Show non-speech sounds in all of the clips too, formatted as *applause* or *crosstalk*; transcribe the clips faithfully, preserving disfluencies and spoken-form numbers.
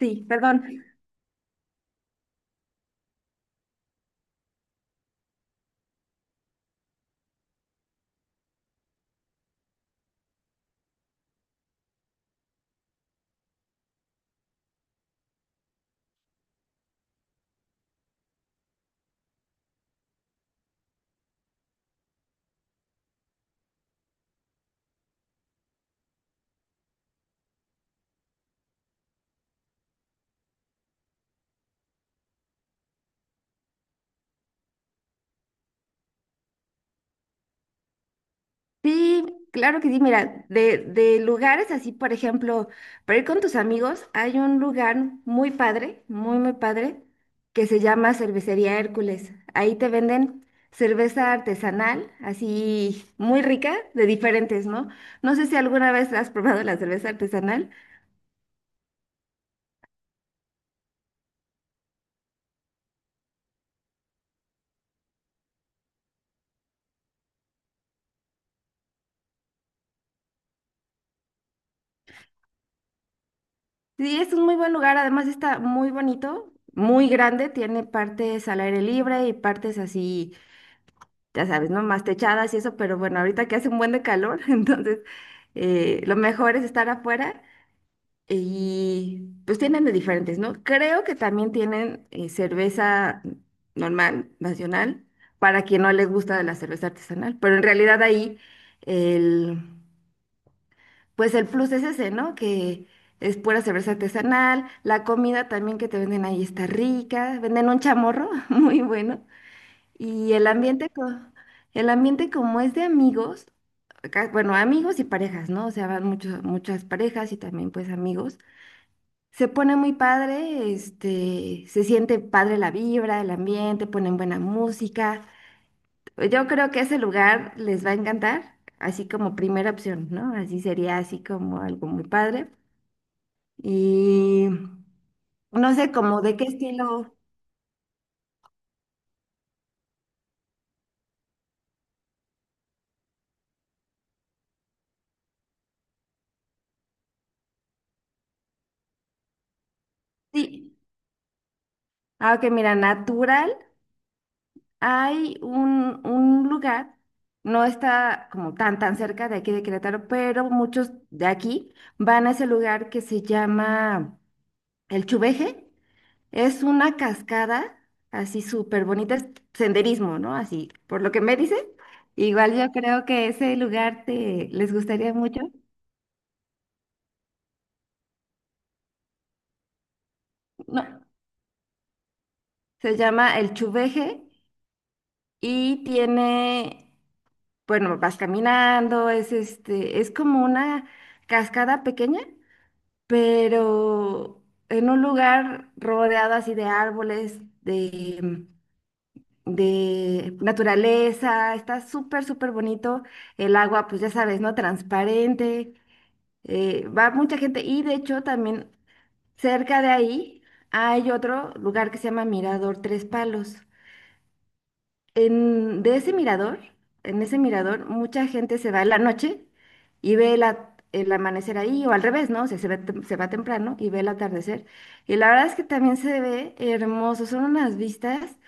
Sí, perdón. Sí, claro que sí. Mira, de, de lugares así, por ejemplo, para ir con tus amigos, hay un lugar muy padre, muy, muy padre, que se llama Cervecería Hércules. Ahí te venden cerveza artesanal, así muy rica, de diferentes, ¿no? No sé si alguna vez has probado la cerveza artesanal. Sí, es un muy buen lugar, además está muy bonito, muy grande, tiene partes al aire libre y partes así ya sabes, ¿no? Más techadas y eso, pero bueno, ahorita que hace un buen de calor, *laughs* entonces eh, lo mejor es estar afuera y pues tienen de diferentes, ¿no? Creo que también tienen eh, cerveza normal, nacional, para quien no les gusta la cerveza artesanal, pero en realidad ahí el, pues el plus es ese, ¿no? Que es pura cerveza artesanal, la comida también que te venden ahí está rica, venden un chamorro *laughs* muy bueno y el ambiente, co- el ambiente como es de amigos, ca- bueno, amigos y parejas, ¿no? O sea, van muchos, muchas parejas y también pues amigos. Se pone muy padre, este, se siente padre la vibra, el ambiente, ponen buena música. Yo creo que ese lugar les va a encantar, así como primera opción, ¿no? Así sería así como algo muy padre. Y no sé, como de qué estilo. Sí. Ah, ok, mira, natural. Hay un, un lugar, no está como tan tan cerca de aquí de Querétaro, pero muchos de aquí van a ese lugar que se llama El Chuveje. Es una cascada así súper bonita, es senderismo, ¿no? Así, por lo que me dices, igual yo creo que ese lugar te les gustaría mucho. No, se llama El Chuveje y tiene, bueno, vas caminando, es este, es como una cascada pequeña pero en un lugar rodeado así de árboles, de, de naturaleza, está súper, súper bonito. El agua, pues ya sabes, ¿no? Transparente. Eh, va mucha gente y de hecho también cerca de ahí hay otro lugar que se llama Mirador Tres Palos. En, de ese mirador, en ese mirador, mucha gente se va en la noche y ve la- el amanecer ahí, o al revés, ¿no? O sea, se ve tem- se va temprano y ve el atardecer. Y la verdad es que también se ve hermoso, son unas vistas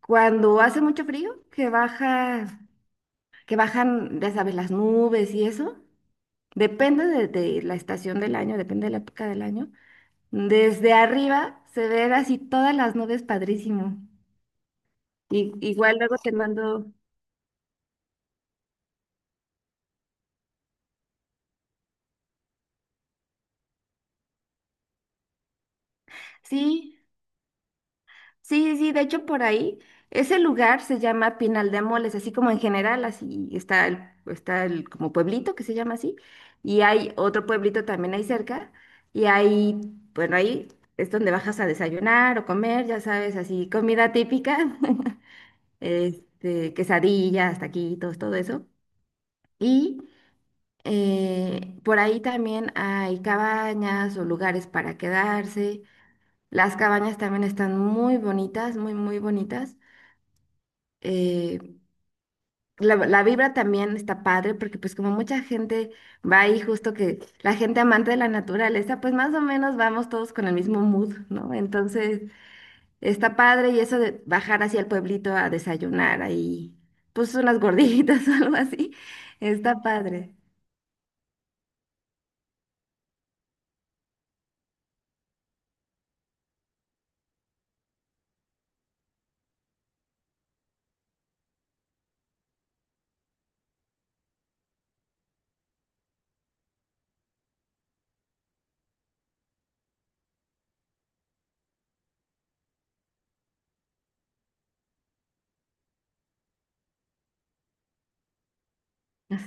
cuando hace mucho frío, que baja, que bajan, ya sabes, las nubes y eso. Depende de, de la estación del año, depende de la época del año. Desde arriba se ven así todas las nubes padrísimo. Y, igual luego te mando, sí. Sí, sí, sí, de hecho por ahí, ese lugar se llama Pinal de Amoles, así como en general, así está el, está el como pueblito que se llama así, y hay otro pueblito también ahí cerca, y ahí, bueno, ahí es donde bajas a desayunar o comer, ya sabes, así comida típica, *laughs* este, quesadillas, taquitos, todo eso, y eh, por ahí también hay cabañas o lugares para quedarse, las cabañas también están muy bonitas, muy, muy bonitas. eh, la, la vibra también está padre porque pues como mucha gente va ahí justo que la gente amante de la naturaleza, pues más o menos vamos todos con el mismo mood, ¿no? Entonces está padre y eso de bajar hacia el pueblito a desayunar ahí, pues unas gorditas *laughs* o algo así, está padre.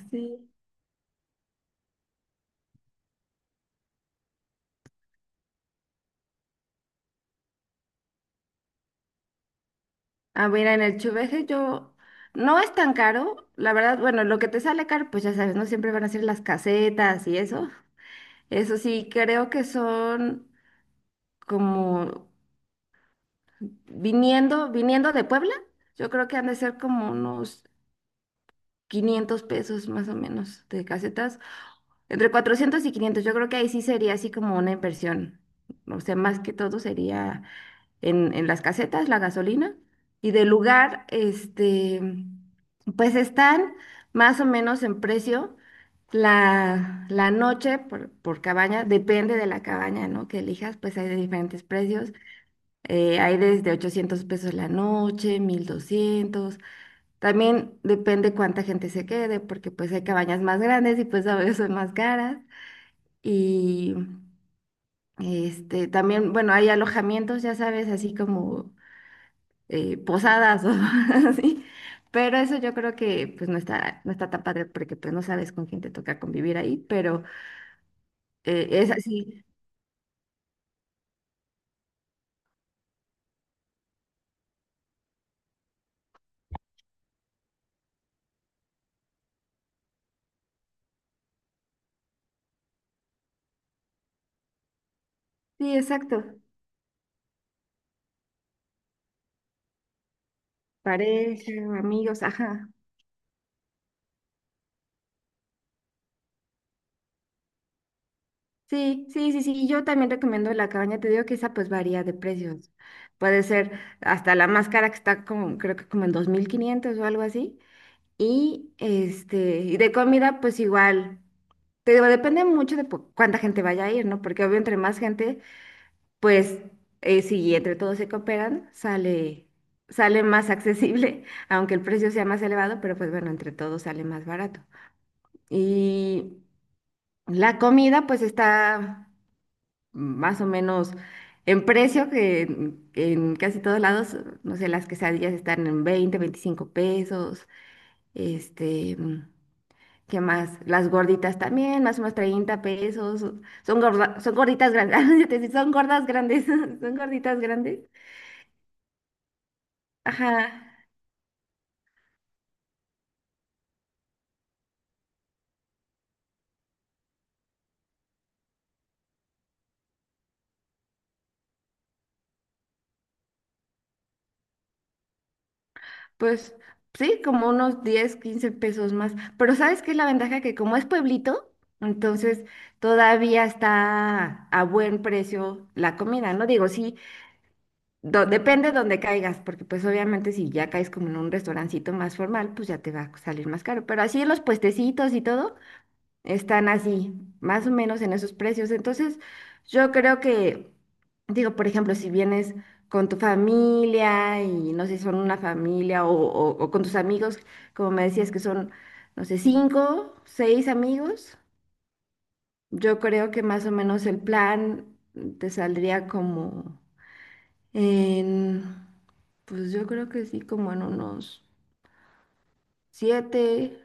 Sí. Ah, mira, en el Chuveje yo… no es tan caro, la verdad, bueno, lo que te sale caro, pues ya sabes, no siempre van a ser las casetas y eso. Eso sí, creo que son como viniendo, viniendo de Puebla, yo creo que han de ser como unos quinientos pesos más o menos de casetas, entre cuatrocientos y quinientos yo creo que ahí sí sería así como una inversión, o sea, más que todo sería en, en las casetas, la gasolina, y del lugar, este, pues están más o menos en precio. La, la noche por, por cabaña, depende de la cabaña, ¿no? Que elijas, pues hay de diferentes precios. Eh, hay desde ochocientos pesos la noche, mil doscientos. También depende cuánta gente se quede, porque pues hay cabañas más grandes y pues *laughs* a veces son más caras. Y este, también, bueno, hay alojamientos, ya sabes, así como eh, posadas o *laughs* así. Pero eso yo creo que pues no está, no está tan padre porque pues no sabes con quién te toca convivir ahí, pero eh, es así. Sí, exacto. Pareja, amigos, ajá. Sí, sí, sí, sí. Yo también recomiendo la cabaña. Te digo que esa pues varía de precios. Puede ser hasta la más cara que está como, creo que como en dos mil quinientos o algo así. Y este, y de comida pues igual. Te digo, depende mucho de po- cuánta gente vaya a ir, ¿no? Porque obvio entre más gente, pues eh, si entre todos se cooperan, sale, sale más accesible, *laughs* aunque el precio sea más elevado, pero pues bueno, entre todos sale más barato. Y la comida pues está más o menos en precio, que en, en casi todos lados, no sé, las quesadillas están en veinte veinticinco pesos, este, mm, ¿qué más? Las gorditas también, más o menos treinta pesos, son gorda- son gorditas grandes, *laughs* ah, es decir, son gordas grandes, *laughs* son gorditas grandes, ajá, pues sí, como unos diez quince pesos más, pero ¿sabes qué es la ventaja? Que como es pueblito, entonces todavía está a buen precio la comida, ¿no? Digo, sí, do- depende donde caigas, porque pues obviamente si ya caes como en un restaurancito más formal, pues ya te va a salir más caro. Pero así los puestecitos y todo están así, más o menos en esos precios. Entonces, yo creo que, digo, por ejemplo, si vienes con tu familia y no sé si son una familia o, o o con tus amigos, como me decías que son, no sé, cinco, seis amigos, yo creo que más o menos el plan te saldría como en pues yo creo que sí, como en unos siete,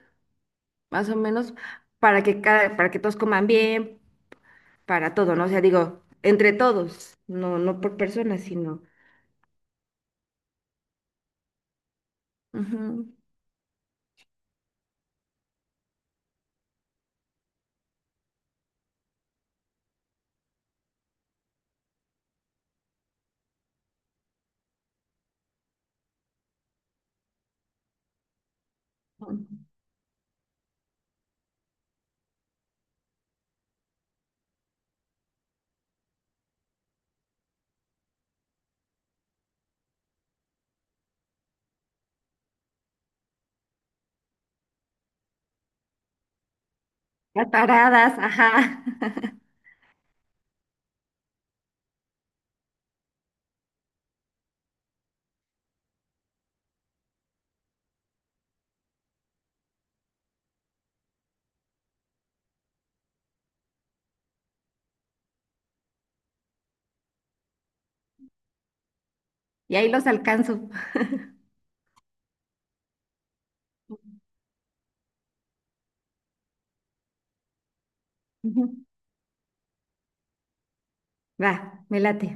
más o menos, para que cada, para que todos coman bien, para todo, ¿no? O sea, digo, entre todos, no, no por personas, sino ujú, las paradas, ajá. *laughs* Y ahí los alcanzo. Ujú. Va, me late.